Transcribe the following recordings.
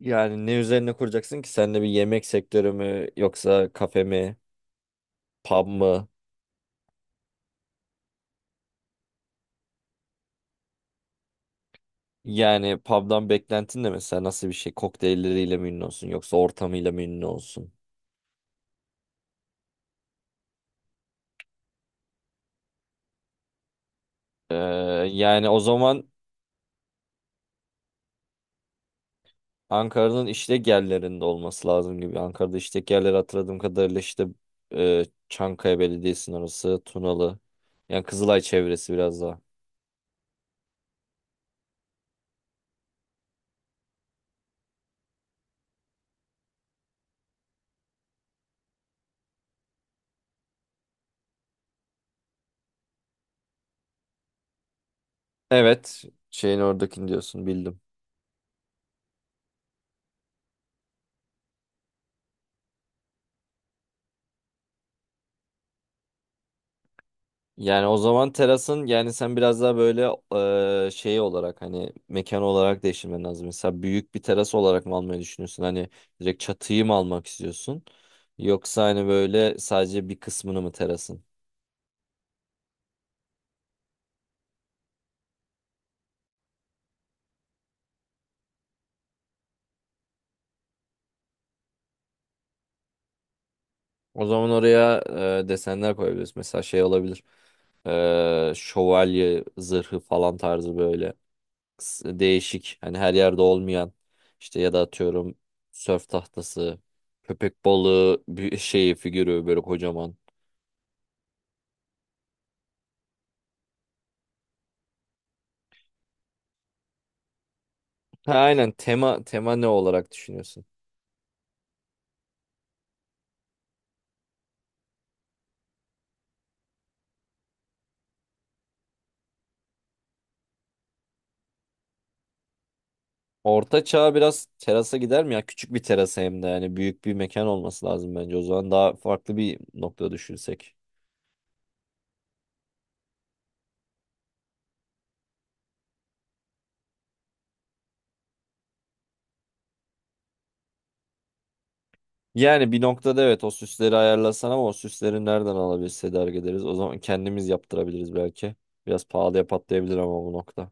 Yani ne üzerine kuracaksın ki? Sen de bir yemek sektörü mü yoksa kafe mi, pub mı? Yani pub'dan beklentin de mesela nasıl bir şey? Kokteylleriyle mi ünlü olsun yoksa ortamıyla mı ünlü olsun? Ee, Yani o zaman Ankara'nın işlek yerlerinde olması lazım gibi. Ankara'da işlek yerleri hatırladığım kadarıyla işte e, Çankaya Belediyesi'nin orası, Tunalı. Yani Kızılay çevresi biraz daha. Evet, şeyin oradakini diyorsun bildim. Yani o zaman terasın yani sen biraz daha böyle şey olarak hani mekan olarak değiştirmen lazım. Mesela büyük bir teras olarak mı almayı düşünüyorsun? Hani direkt çatıyı mı almak istiyorsun? Yoksa hani böyle sadece bir kısmını mı terasın? O zaman oraya desenler koyabiliriz. Mesela şey olabilir. Şövalye zırhı falan tarzı böyle değişik hani her yerde olmayan işte ya da atıyorum sörf tahtası, köpek balığı bir şeyi figürü böyle kocaman. Ha, aynen tema ne olarak düşünüyorsun? Orta çağ biraz terasa gider mi ya? Küçük bir terasa hem de yani büyük bir mekan olması lazım bence. O zaman daha farklı bir nokta düşünsek. Yani bir noktada evet o süsleri ayarlasan ama o süsleri nereden alabiliriz, tedarik ederiz? O zaman kendimiz yaptırabiliriz belki. Biraz pahalıya patlayabilir ama bu nokta.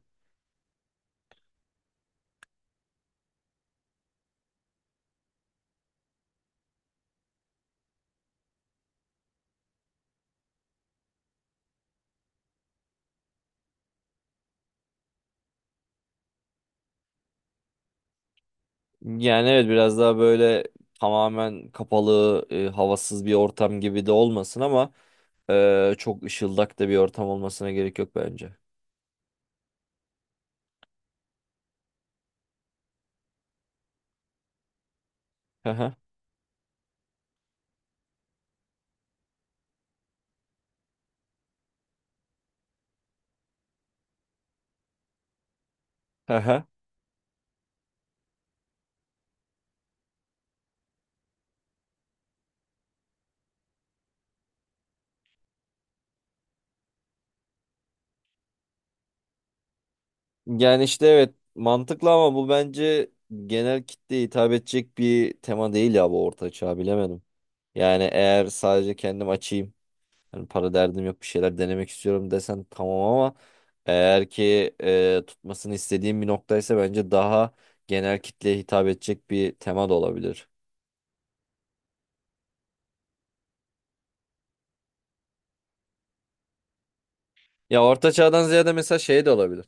Yani evet biraz daha böyle tamamen kapalı, havasız bir ortam gibi de olmasın ama çok ışıldak da bir ortam olmasına gerek yok bence. Yani işte evet mantıklı ama bu bence genel kitleye hitap edecek bir tema değil ya bu orta çağ bilemedim. Yani eğer sadece kendim açayım hani para derdim yok bir şeyler denemek istiyorum desen tamam ama eğer ki tutmasını istediğim bir noktaysa bence daha genel kitleye hitap edecek bir tema da olabilir. Ya orta çağdan ziyade mesela şey de olabilir.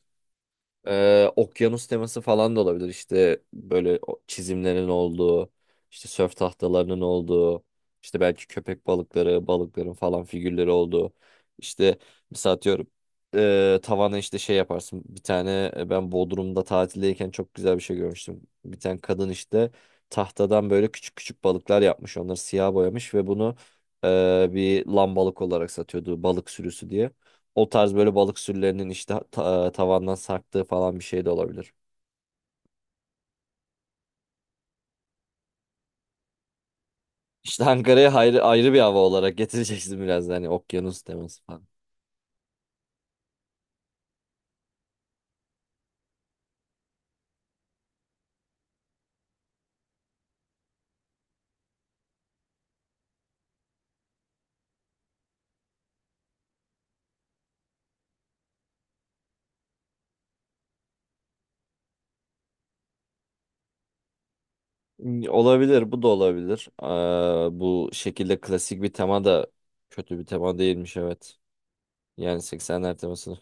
Okyanus teması falan da olabilir. İşte böyle o çizimlerin olduğu, işte sörf tahtalarının olduğu, işte belki köpek balıkları, balıkların falan figürleri olduğu. İşte mesela atıyorum tavana işte şey yaparsın. Bir tane ben Bodrum'da tatildeyken çok güzel bir şey görmüştüm. Bir tane kadın işte tahtadan böyle küçük küçük balıklar yapmış. Onları siyah boyamış ve bunu bir lambalık olarak satıyordu balık sürüsü diye. O tarz böyle balık sürülerinin işte tavandan sarktığı falan bir şey de olabilir. İşte Ankara'ya ayrı, ayrı bir hava olarak getireceksin biraz da hani okyanus teması falan. Hmm, olabilir, bu da olabilir. Bu şekilde klasik bir tema da kötü bir tema değilmiş, evet. Yani 80'ler temasını.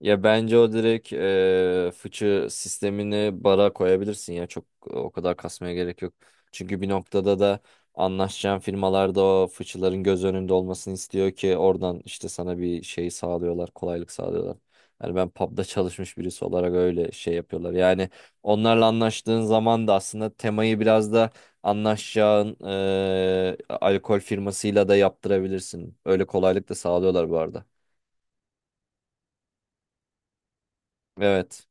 Ya bence o direkt fıçı sistemini bara koyabilirsin ya çok o kadar kasmaya gerek yok. Çünkü bir noktada da anlaşacağın firmalarda o fıçıların göz önünde olmasını istiyor ki oradan işte sana bir şey sağlıyorlar, kolaylık sağlıyorlar. Yani ben pub'da çalışmış birisi olarak öyle şey yapıyorlar. Yani onlarla anlaştığın zaman da aslında temayı biraz da anlaşacağın alkol firmasıyla da yaptırabilirsin. Öyle kolaylık da sağlıyorlar bu arada. Evet.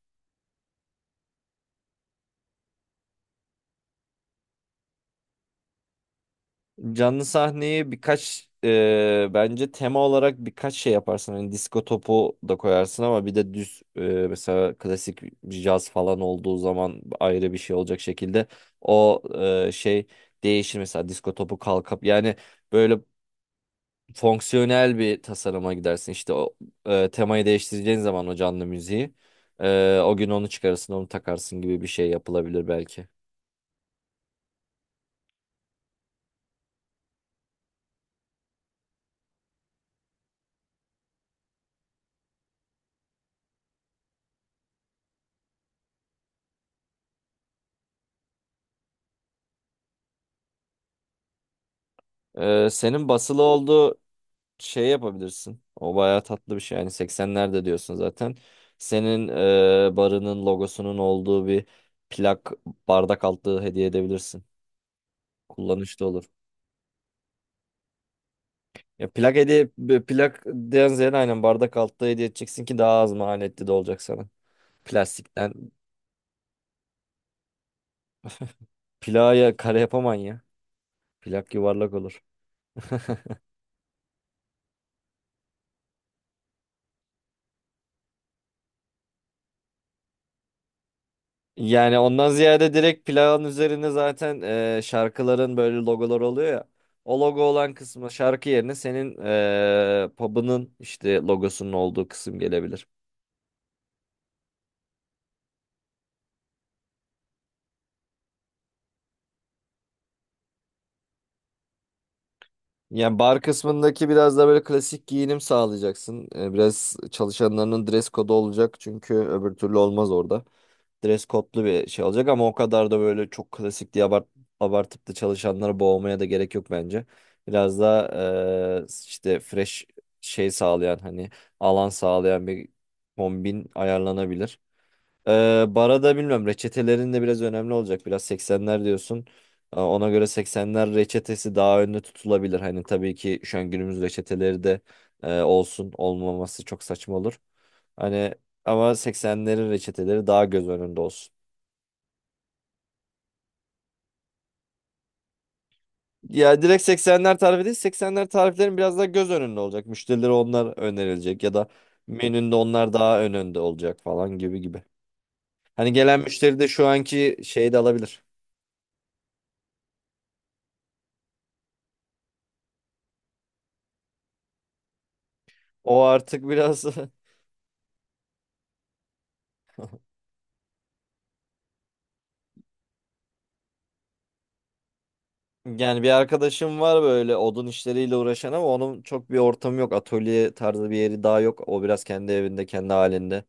Canlı sahneye birkaç bence tema olarak birkaç şey yaparsın. Hani disko topu da koyarsın ama bir de düz mesela klasik caz falan olduğu zaman ayrı bir şey olacak şekilde o şey değişir. Mesela disko topu kalkıp yani böyle fonksiyonel bir tasarıma gidersin. İşte o temayı değiştireceğin zaman o canlı müziği o gün onu çıkarırsın onu takarsın gibi bir şey yapılabilir belki. Senin basılı olduğu şey yapabilirsin. O bayağı tatlı bir şey. Yani 80'lerde diyorsun zaten. Senin barının logosunun olduğu bir plak bardak altlığı hediye edebilirsin. Kullanışlı olur. Ya plak hediye plak den ziyade aynen bardak altlığı hediye edeceksin ki daha az maliyetli de olacak sana. Plastikten plağa kare yapaman ya. Plak yuvarlak olur. Yani ondan ziyade direkt plağın üzerine zaten şarkıların böyle logoları oluyor ya. O logo olan kısmı şarkı yerine senin pub'ının işte logosunun olduğu kısım gelebilir. Yani bar kısmındaki biraz da böyle klasik giyinim sağlayacaksın. Biraz çalışanlarının dress kodu olacak çünkü öbür türlü olmaz orada. Dress code'lu bir şey olacak ama o kadar da böyle çok klasik diye abartıp da çalışanları boğmaya da gerek yok bence. Biraz daha işte fresh şey sağlayan hani alan sağlayan bir kombin ayarlanabilir. Bara da bilmiyorum reçetelerin de biraz önemli olacak. Biraz 80'ler diyorsun. Ona göre 80'ler reçetesi daha önde tutulabilir. Hani tabii ki şu an günümüz reçeteleri de olsun olmaması çok saçma olur. Hani ama 80'lerin reçeteleri daha göz önünde olsun. Ya direkt 80'ler tarifi değil, 80'ler tariflerin biraz daha göz önünde olacak. Müşterilere onlar önerilecek ya da menünde onlar daha önde olacak falan gibi gibi. Hani gelen müşteri de şu anki şeyi de alabilir. O artık biraz yani bir arkadaşım var böyle odun işleriyle uğraşan ama onun çok bir ortamı yok. Atölye tarzı bir yeri daha yok. O biraz kendi evinde, kendi halinde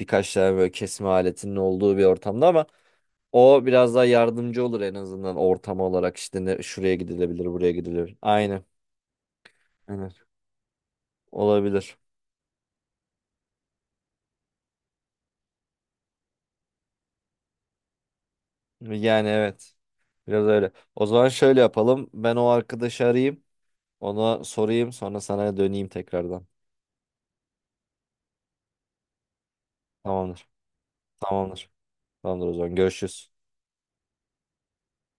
birkaç tane böyle kesme aletinin olduğu bir ortamda ama o biraz daha yardımcı olur en azından ortam olarak işte ne, şuraya gidilebilir, buraya gidilebilir. Aynen. Evet. Olabilir. Yani evet. Biraz öyle. O zaman şöyle yapalım. Ben o arkadaşı arayayım. Ona sorayım. Sonra sana döneyim tekrardan. Tamamdır. Tamamdır. Tamamdır o zaman. Görüşürüz.